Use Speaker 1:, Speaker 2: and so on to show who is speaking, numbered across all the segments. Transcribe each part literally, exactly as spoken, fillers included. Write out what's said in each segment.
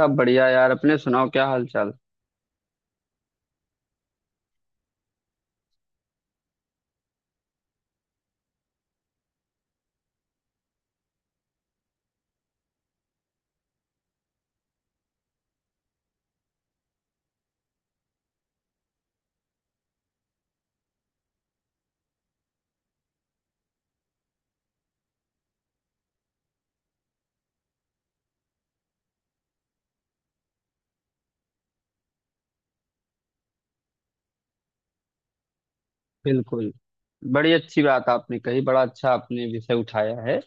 Speaker 1: सब बढ़िया यार, अपने सुनाओ, क्या हाल चाल। बिल्कुल। बड़ी अच्छी बात आपने कही, बड़ा अच्छा आपने विषय उठाया है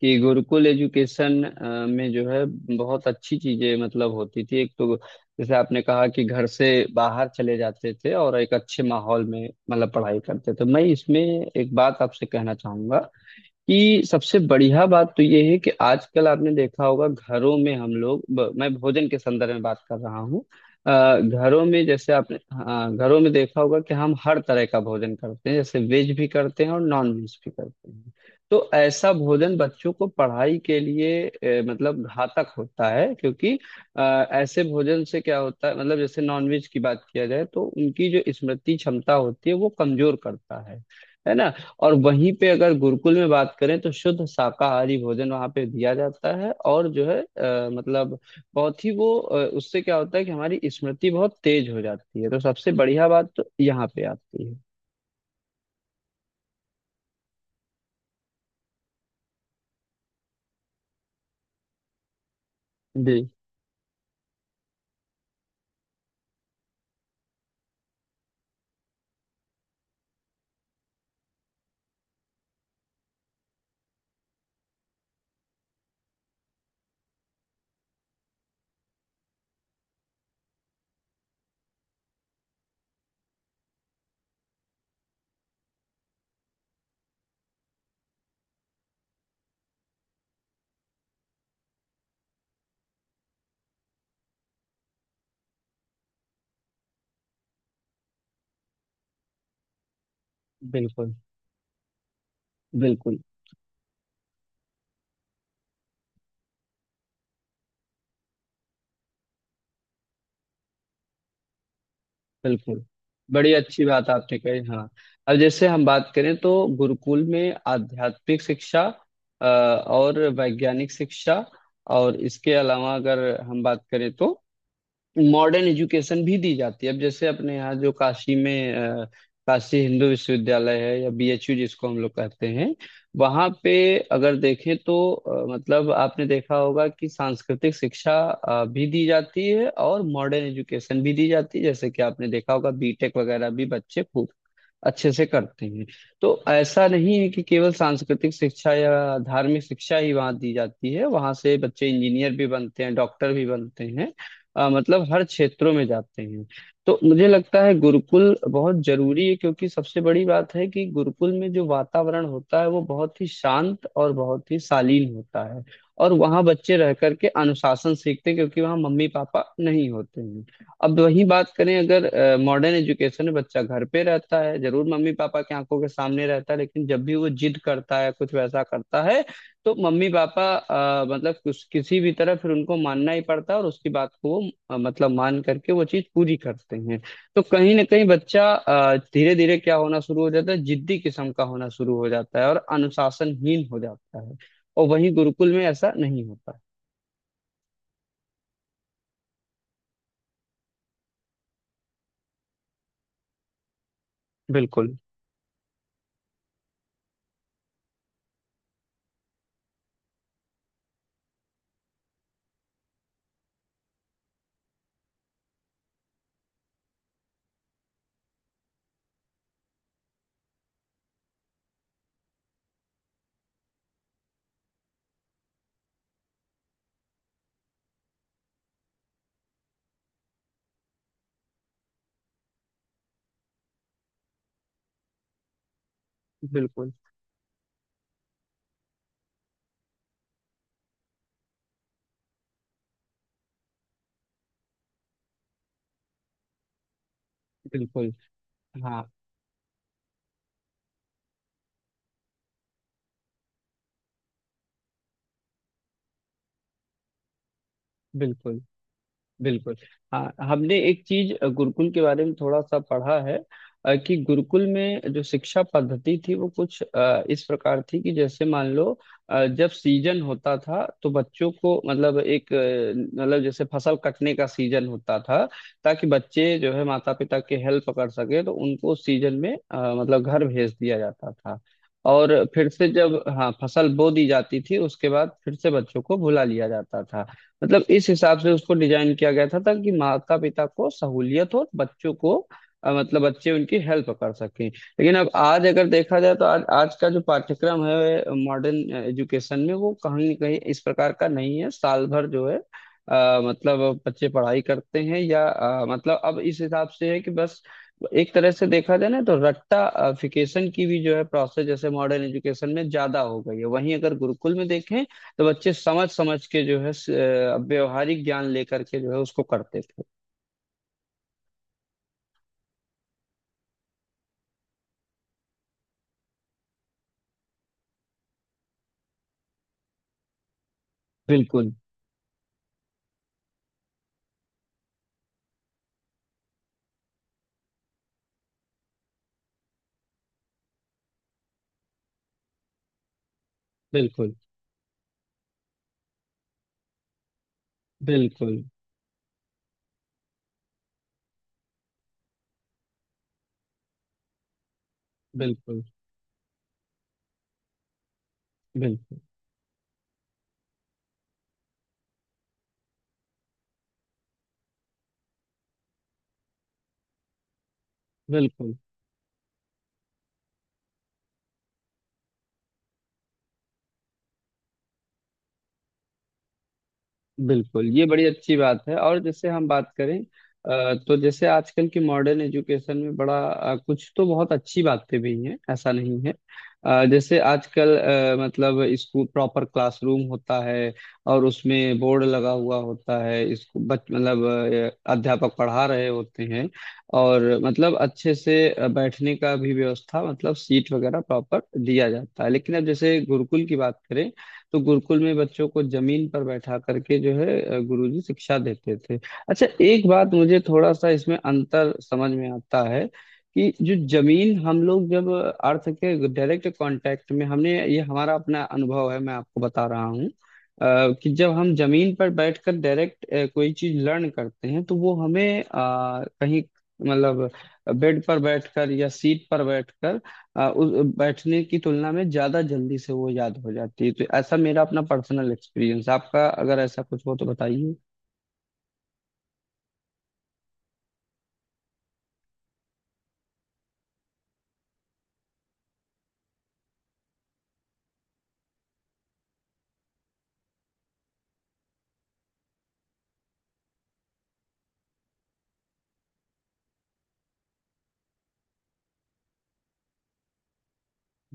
Speaker 1: कि गुरुकुल एजुकेशन अ, में जो है बहुत अच्छी चीजें मतलब होती थी। एक तो जैसे आपने कहा कि घर से बाहर चले जाते थे और एक अच्छे माहौल में मतलब पढ़ाई करते थे। मैं इसमें एक बात आपसे कहना चाहूंगा कि सबसे बढ़िया बात तो ये है कि आजकल आपने देखा होगा घरों में हम लोग ब, मैं भोजन के संदर्भ में बात कर रहा हूँ। अ, घरों में जैसे आपने हाँ, घरों में देखा होगा कि हम हर तरह का भोजन करते हैं, जैसे वेज भी करते हैं और नॉन वेज भी करते हैं। तो ऐसा भोजन बच्चों को पढ़ाई के लिए अ, मतलब घातक होता है, क्योंकि अ, ऐसे भोजन से क्या होता है, मतलब जैसे नॉन वेज की बात किया जाए तो उनकी जो स्मृति क्षमता होती है वो कमजोर करता है है ना। और वहीं पे अगर गुरुकुल में बात करें तो शुद्ध शाकाहारी भोजन वहाँ पे दिया जाता है, और जो है अ, मतलब बहुत ही वो अ, उससे क्या होता है कि हमारी स्मृति बहुत तेज हो जाती है। तो सबसे बढ़िया बात तो यहाँ पे आती है। जी, बिल्कुल। बिल्कुल। बिल्कुल, बड़ी अच्छी बात आपने कही, हाँ। अब जैसे हम बात करें तो गुरुकुल में आध्यात्मिक शिक्षा अ, और वैज्ञानिक शिक्षा, और इसके अलावा अगर हम बात करें तो मॉडर्न एजुकेशन भी दी जाती है। अब जैसे अपने यहाँ जो काशी में अ, काशी हिंदू विश्वविद्यालय है, या बी एच यू जिसको हम लोग कहते हैं, वहाँ पे अगर देखें तो अ, मतलब आपने देखा होगा कि सांस्कृतिक शिक्षा अ, भी दी जाती है और मॉडर्न एजुकेशन भी दी जाती है, जैसे कि आपने देखा होगा बी टेक वगैरह भी बच्चे खूब अच्छे से करते हैं। तो ऐसा नहीं है कि केवल सांस्कृतिक शिक्षा या धार्मिक शिक्षा ही वहाँ दी जाती है, वहाँ से बच्चे इंजीनियर भी बनते हैं, डॉक्टर भी बनते हैं, अ, मतलब हर क्षेत्रों में जाते हैं। तो मुझे लगता है गुरुकुल बहुत जरूरी है, क्योंकि सबसे बड़ी बात है कि गुरुकुल में जो वातावरण होता है वो बहुत ही शांत और बहुत ही शालीन होता है, और वहाँ बच्चे रह करके अनुशासन सीखते हैं, क्योंकि वहाँ मम्मी पापा नहीं होते हैं। अब वही बात करें, अगर मॉडर्न एजुकेशन में बच्चा घर पे रहता है, जरूर मम्मी पापा की आंखों के सामने रहता है, लेकिन जब भी वो जिद करता है, कुछ वैसा करता है, तो मम्मी पापा अ, मतलब कुछ किसी भी तरह फिर उनको मानना ही पड़ता है, और उसकी बात को वो अ, मतलब मान करके वो चीज पूरी करते हैं। तो कहीं ना कहीं बच्चा धीरे धीरे क्या होना शुरू हो जाता है, जिद्दी किस्म का होना शुरू हो जाता है और अनुशासनहीन हो जाता है। और वहीं गुरुकुल में ऐसा नहीं होता है। बिल्कुल, बिल्कुल, बिल्कुल, हाँ। बिल्कुल, बिल्कुल, हाँ, हमने एक चीज अ, गुरुकुल के बारे में थोड़ा सा पढ़ा है अ, कि गुरुकुल में जो शिक्षा पद्धति थी वो कुछ अ, इस प्रकार थी कि जैसे मान लो अ, जब सीजन होता था तो बच्चों को मतलब एक अ, मतलब जैसे फसल कटने का सीजन होता था, ताकि बच्चे जो है माता पिता के हेल्प कर सके तो उनको उस सीजन में अ, मतलब घर भेज दिया जाता था। और फिर से जब हाँ फसल बो दी जाती थी, उसके बाद फिर से बच्चों को बुला लिया जाता था। मतलब इस हिसाब से उसको डिजाइन किया गया था ताकि माता पिता को सहूलियत हो, और बच्चों को अ, मतलब बच्चे उनकी हेल्प कर सकें। लेकिन अब आज अगर देखा जाए तो आज आज का जो पाठ्यक्रम है मॉडर्न एजुकेशन में वो कहीं न कहीं इस प्रकार का नहीं है। साल भर जो है अ, मतलब बच्चे पढ़ाई करते हैं, या अ, मतलब अब इस हिसाब से है कि बस एक तरह से देखा जाए ना तो रट्टाफिकेशन की भी जो है प्रोसेस जैसे मॉडर्न एजुकेशन में ज्यादा हो गई है। वहीं अगर गुरुकुल में देखें तो बच्चे समझ समझ के जो है स- अ, व्यवहारिक ज्ञान लेकर के जो है उसको करते थे। बिल्कुल, बिल्कुल, बिल्कुल, बिल्कुल, बिल्कुल, बिल्कुल, बिल्कुल, ये बड़ी अच्छी बात है। और जैसे हम बात करें, अ, तो जैसे आजकल की मॉडर्न एजुकेशन में बड़ा अ, कुछ तो बहुत अच्छी बातें भी हैं, ऐसा नहीं है। अ, जैसे आजकल अ, मतलब स्कूल प्रॉपर क्लासरूम होता है, और उसमें बोर्ड लगा हुआ होता है। स्कूल बच मतलब अ, अध्यापक पढ़ा रहे होते हैं, और मतलब अच्छे से अ, बैठने का भी व्यवस्था मतलब सीट वगैरह प्रॉपर दिया जाता है। लेकिन अब जैसे गुरुकुल की बात करें तो गुरुकुल में बच्चों को जमीन पर बैठा करके जो है अ, गुरुजी शिक्षा देते थे। अच्छा, एक बात मुझे थोड़ा सा इसमें अंतर समझ में आता है, कि जो जमीन हम लोग जब अर्थ के डायरेक्ट कांटेक्ट में, हमने ये हमारा अपना अनुभव है, मैं आपको बता रहा हूँ अ, कि जब हम जमीन पर बैठकर डायरेक्ट कोई चीज लर्न करते हैं तो वो हमें अ, कहीं मतलब बेड पर बैठकर या सीट पर बैठकर आ, उस बैठने की तुलना में ज्यादा जल्दी से वो याद हो जाती है। तो ऐसा मेरा अपना पर्सनल एक्सपीरियंस, आपका अगर ऐसा कुछ हो तो बताइए।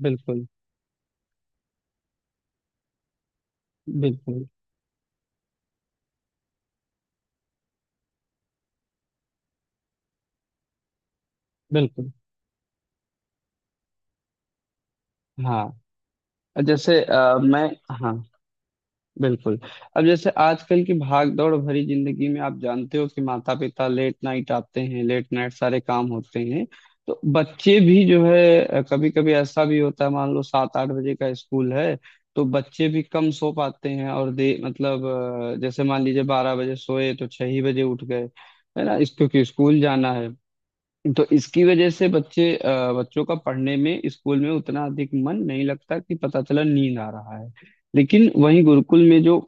Speaker 1: बिल्कुल, बिल्कुल, बिल्कुल, हाँ। जैसे अ, मैं, हाँ, बिल्कुल। अब जैसे आजकल की भाग दौड़ भरी जिंदगी में आप जानते हो कि माता पिता लेट नाइट आते हैं, लेट नाइट सारे काम होते हैं। तो बच्चे भी जो है कभी कभी ऐसा भी होता है, मान लो सात आठ बजे का स्कूल है, तो बच्चे भी कम सो पाते हैं, और दे मतलब अ, जैसे मान लीजिए बारह बजे सोए तो छह ही बजे उठ गए, है ना, इस क्योंकि स्कूल जाना है। तो इसकी वजह से बच्चे अ, बच्चों का पढ़ने में स्कूल में उतना अधिक मन नहीं लगता, कि पता चला नींद आ रहा है। लेकिन वहीं गुरुकुल में जो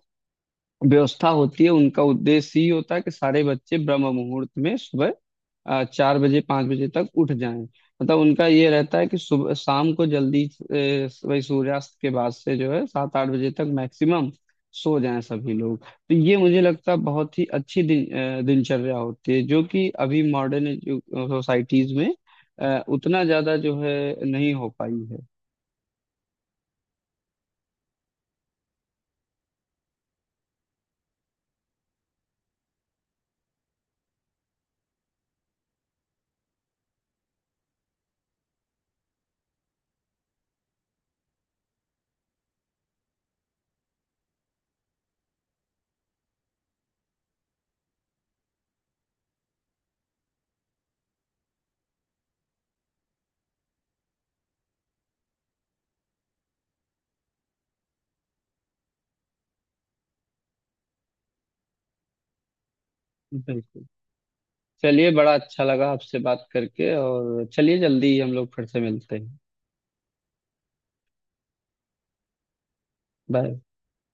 Speaker 1: व्यवस्था होती है, उनका उद्देश्य ही होता है कि सारे बच्चे ब्रह्म मुहूर्त में सुबह अ, चार बजे पांच बजे तक उठ जाएं। मतलब उनका ये रहता है कि सुबह शाम को जल्दी, ए, वही सूर्यास्त के बाद से जो है, सात आठ बजे तक मैक्सिमम सो जाएं सभी लोग। तो ये मुझे लगता है बहुत ही अच्छी दिन, अ, दिनचर्या होती है, जो कि अभी मॉडर्न सोसाइटीज में अ, उतना ज्यादा जो है नहीं हो पाई है। बिल्कुल। चलिए, बड़ा अच्छा लगा आपसे बात करके, और चलिए जल्दी हम लोग फिर से मिलते हैं। बाय।